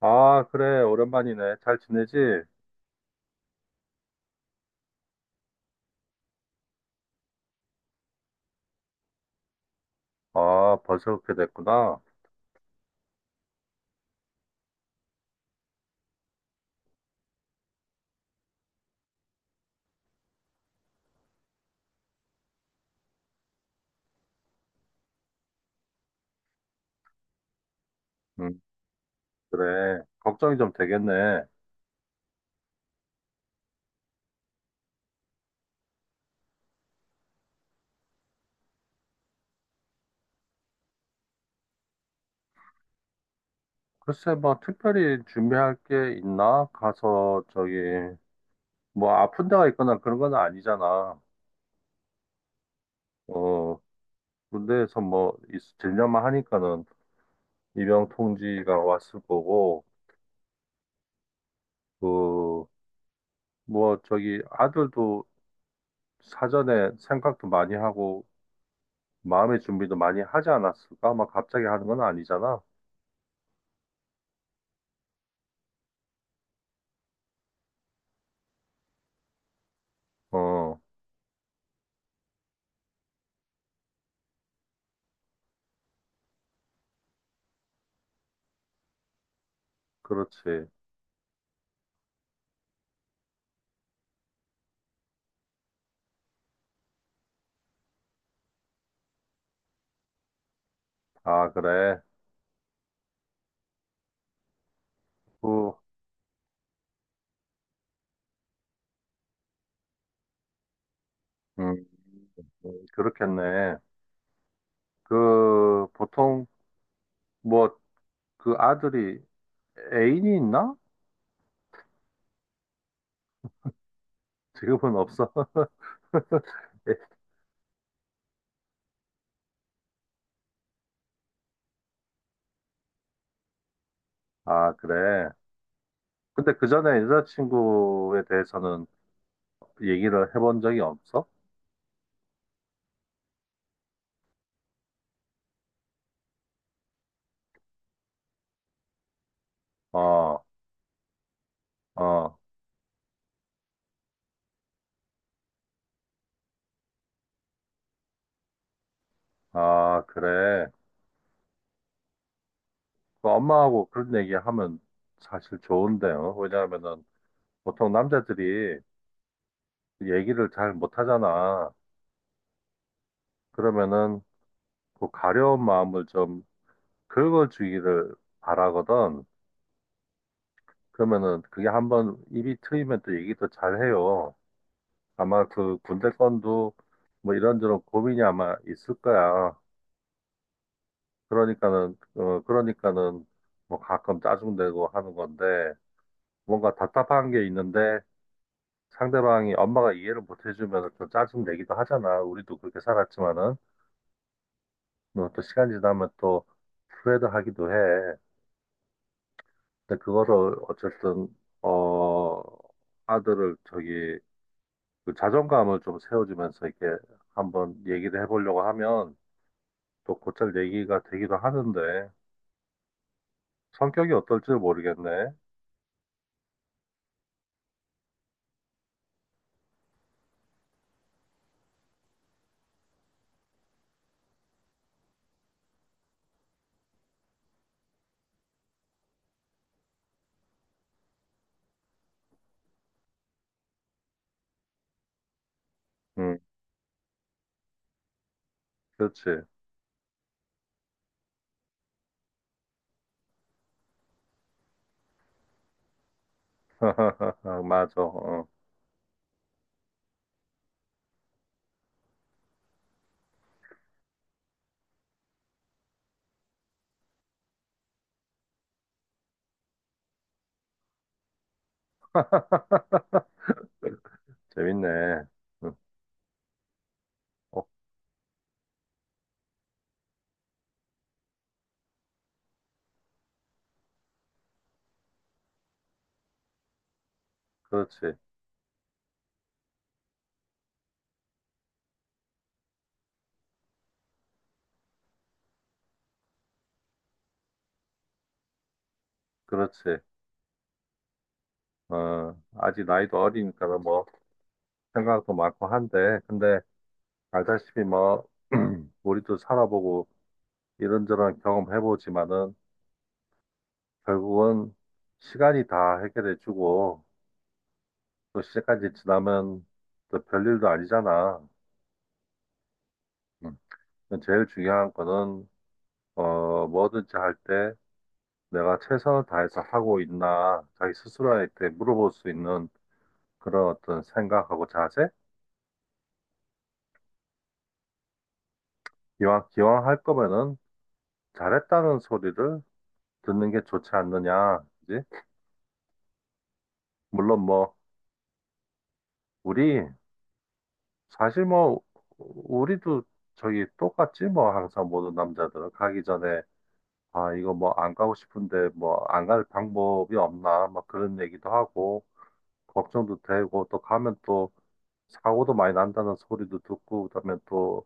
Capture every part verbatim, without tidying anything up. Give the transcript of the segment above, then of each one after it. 아, 그래. 오랜만이네. 잘 지내지? 아, 벌써 그렇게 됐구나. 음, 그래. 걱정이 좀 되겠네. 글쎄, 뭐, 특별히 준비할 게 있나? 가서, 저기, 뭐, 아픈 데가 있거나 그런 건 아니잖아. 어, 군대에서 뭐, 있- 들려만 하니까는 입영 통지가 왔을 거고, 그, 뭐, 저기, 아들도 사전에 생각도 많이 하고, 마음의 준비도 많이 하지 않았을까? 막 갑자기 하는 건 아니잖아. 어. 그렇지. 아, 그래. 그, 음, 음, 그렇겠네. 그, 보통, 뭐, 그 아들이 애인이 있나? 지금은 없어. 아, 그래. 근데 그 전에 여자친구에 대해서는 얘기를 해본 적이 없어? 어, 어, 아, 그래. 그 엄마하고 그런 얘기 하면 사실 좋은데요. 왜냐하면은 보통 남자들이 얘기를 잘 못하잖아. 그러면은 그 가려운 마음을 좀 긁어주기를 바라거든. 그러면은 그게 한번 입이 트이면 또 얘기도 잘 해요. 아마 그 군대 건도 뭐 이런저런 고민이 아마 있을 거야. 그러니까는, 어, 그러니까는 뭐 가끔 짜증내고 하는 건데 뭔가 답답한 게 있는데 상대방이 엄마가 이해를 못 해주면 좀 짜증내기도 하잖아. 우리도 그렇게 살았지만은. 뭐또 시간 지나면 또 후회도 하기도 해. 근데 그거를 어쨌든, 어, 아들을 저기 그 자존감을 좀 세워주면서 이렇게 한번 얘기를 해보려고 하면 또 곧잘 얘기가 되기도 하는데 성격이 어떨지 모르겠네. 응, 그렇지. 맞아. 어, 재밌네. 응, 어, 그렇지. 그렇지. 어, 아직 나이도 어리니까 뭐 생각도 많고 한데 근데 알다시피 뭐 우리도 살아보고 이런저런 경험해보지만은 결국은 시간이 다 해결해주고 또 시간까 지나면 또 별일도 아니잖아. 음. 제일 중요한 거는 어 뭐든지 할 때 내가 최선을 다해서 하고 있나 자기 스스로한테 물어볼 수 있는 그런 어떤 생각하고 자세? 기왕 기왕 할 거면은 잘했다는 소리를 듣는 게 좋지 않느냐. 그지? 물론 뭐 우리 사실 뭐 우리도 저기 똑같지 뭐 항상 모든 남자들은 가기 전에 아, 이거 뭐 안 가고 싶은데 뭐 안 갈 방법이 없나 막 그런 얘기도 하고 걱정도 되고 또 가면 또 사고도 많이 난다는 소리도 듣고 그다음에 또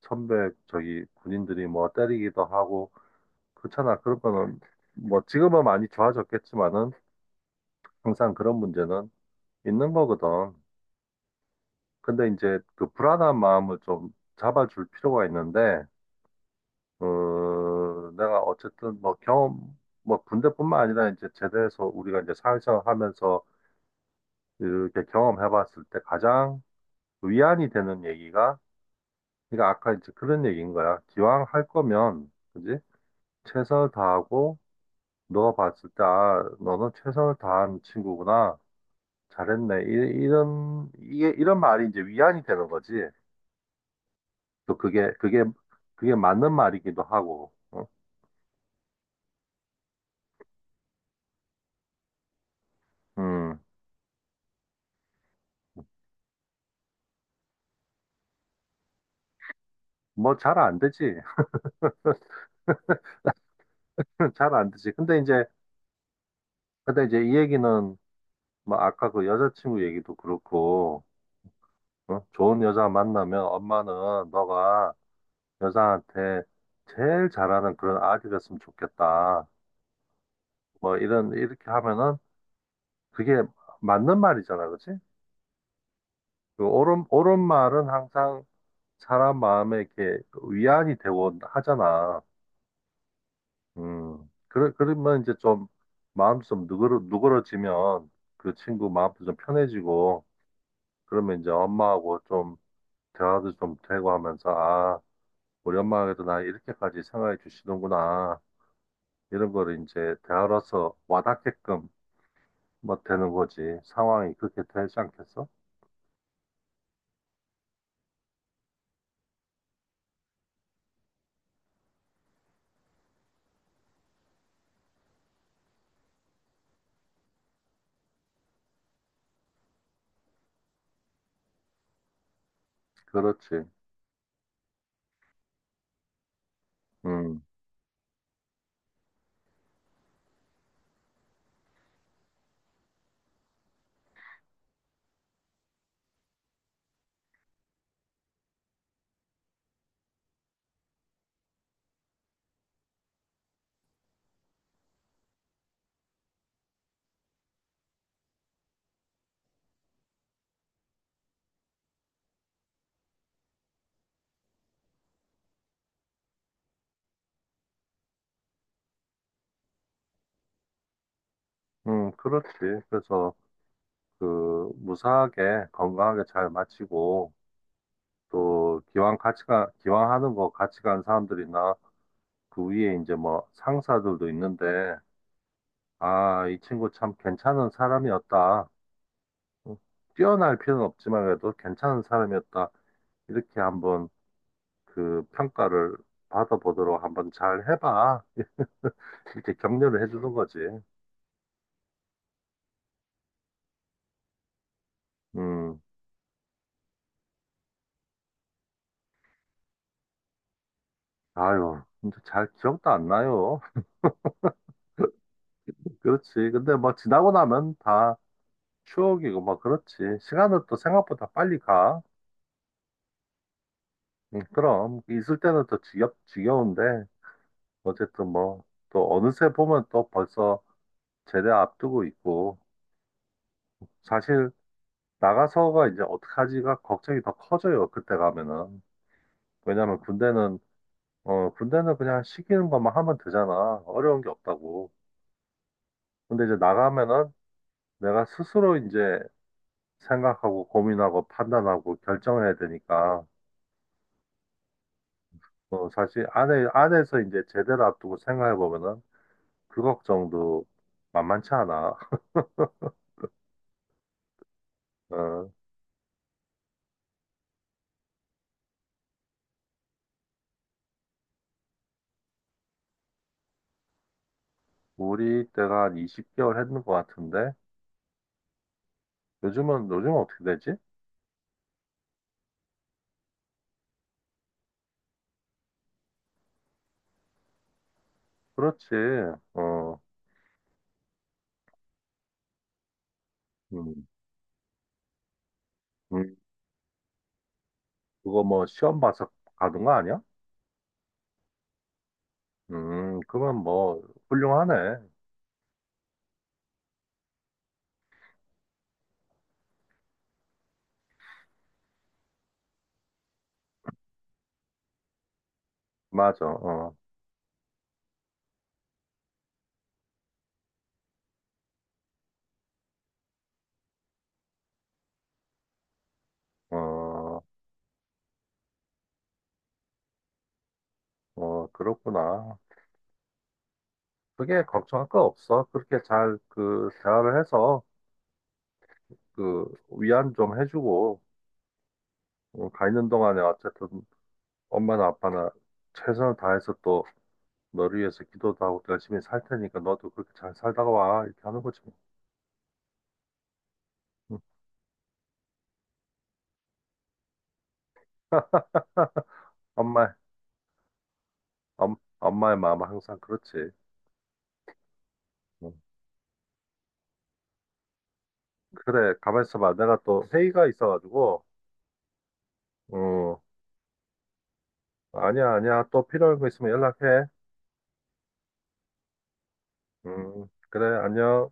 선배 저기 군인들이 뭐 때리기도 하고 그렇잖아. 그런 거는 뭐 지금은 많이 좋아졌겠지만은 항상 그런 문제는 있는 거거든. 근데 이제 그 불안한 마음을 좀 잡아줄 필요가 있는데 어, 내가 어쨌든 뭐 경험, 뭐 군대뿐만 아니라 이제 제대해서 우리가 이제 사회생활 하면서 이렇게 경험해 봤을 때 가장 위안이 되는 얘기가, 그러니까 아까 이제 그런 얘기인 거야. 기왕 할 거면, 그지? 최선을 다하고, 너가 봤을 때, 아, 너는 최선을 다한 친구구나. 잘했네. 이, 이런, 이게, 이런 말이 이제 위안이 되는 거지. 또 그게, 그게, 그게 맞는 말이기도 하고, 어? 음, 뭐 잘 안 되지. 잘 안 되지. 근데 이제 근데 이제 이 얘기는 뭐 아까 그 여자친구 얘기도 그렇고 어? 좋은 여자 만나면 엄마는 너가 여자한테 제일 잘하는 그런 아기 됐으면 좋겠다. 뭐 이런 이렇게 하면은 그게 맞는 말이잖아, 그렇지? 그 옳은 옳은 말은 항상 사람 마음에 이렇게 위안이 되고 하잖아. 음. 그러, 그러면 이제 좀 마음 좀 누그러, 누그러지면 그 친구 마음도 좀 편해지고 그러면 이제 엄마하고 좀 대화도 좀 되고 하면서, 아, 우리 엄마에게도 나 이렇게까지 생각해 주시는구나. 이런 거를 이제 대화로서 와닿게끔 뭐 되는 거지. 상황이 그렇게 되지 않겠어? 그렇지. 음, 음, 그렇지. 그래서 그 무사하게 건강하게 잘 마치고 또 기왕 같이 가, 기왕하는 거 같이 간 사람들이나 그 위에 이제 뭐 상사들도 있는데, 아, 이 친구 참 괜찮은 사람이었다. 어, 뛰어날 필요는 없지만 그래도 괜찮은 사람이었다. 이렇게 한번 그 평가를 받아보도록 한번 잘 해봐. 이렇게 격려를 해주는 거지. 음, 아유, 진짜 잘 기억도 안 나요. 그렇지. 근데 뭐 지나고 나면 다 추억이고 뭐 그렇지. 시간은 또 생각보다 빨리 가. 음, 그럼 있을 때는 또 지겹, 지겨운데 어쨌든 뭐 또 어느새 보면 또 벌써 제대 앞두고 있고 사실 나가서가 이제 어떡하지가 걱정이 더 커져요. 그때 가면은. 왜냐면 군대는, 어, 군대는 그냥 시키는 것만 하면 되잖아. 어려운 게 없다고. 근데 이제 나가면은 내가 스스로 이제 생각하고 고민하고 판단하고 결정해야 되니까, 어, 사실 안에, 안에서 이제 제대로 앞두고 생각해 보면은 그 걱정도 만만치 않아. 어, 우리 때가 한 이십 개월 했는 것 같은데, 요즘은, 요즘 어떻게 되지? 그렇지. 어, 음. 음. 그거 뭐 시험 봐서 가는 거 아니야? 음, 그러면 뭐 훌륭하네. 맞아. 어, 어, 어, 그렇구나. 그게 걱정할 거 없어. 그렇게 잘 그 대화를 해서 그 위안 좀 해주고 어, 가 있는 동안에 어쨌든 엄마나 아빠나 최선을 다해서 또 너를 위해서 기도도 하고 열심히 살 테니까 너도 그렇게 잘 살다가 와 이렇게 하는 거지. 뭐. 응. 엄마, 엄, 엄마의 마음 은 항상 그렇지. 응. 그래, 가만 있어봐. 내가 또 회의가 있어가지고. 음, 아니야, 아니야. 또 필요한 거 있으면 연락해. 음, 그래, 안녕.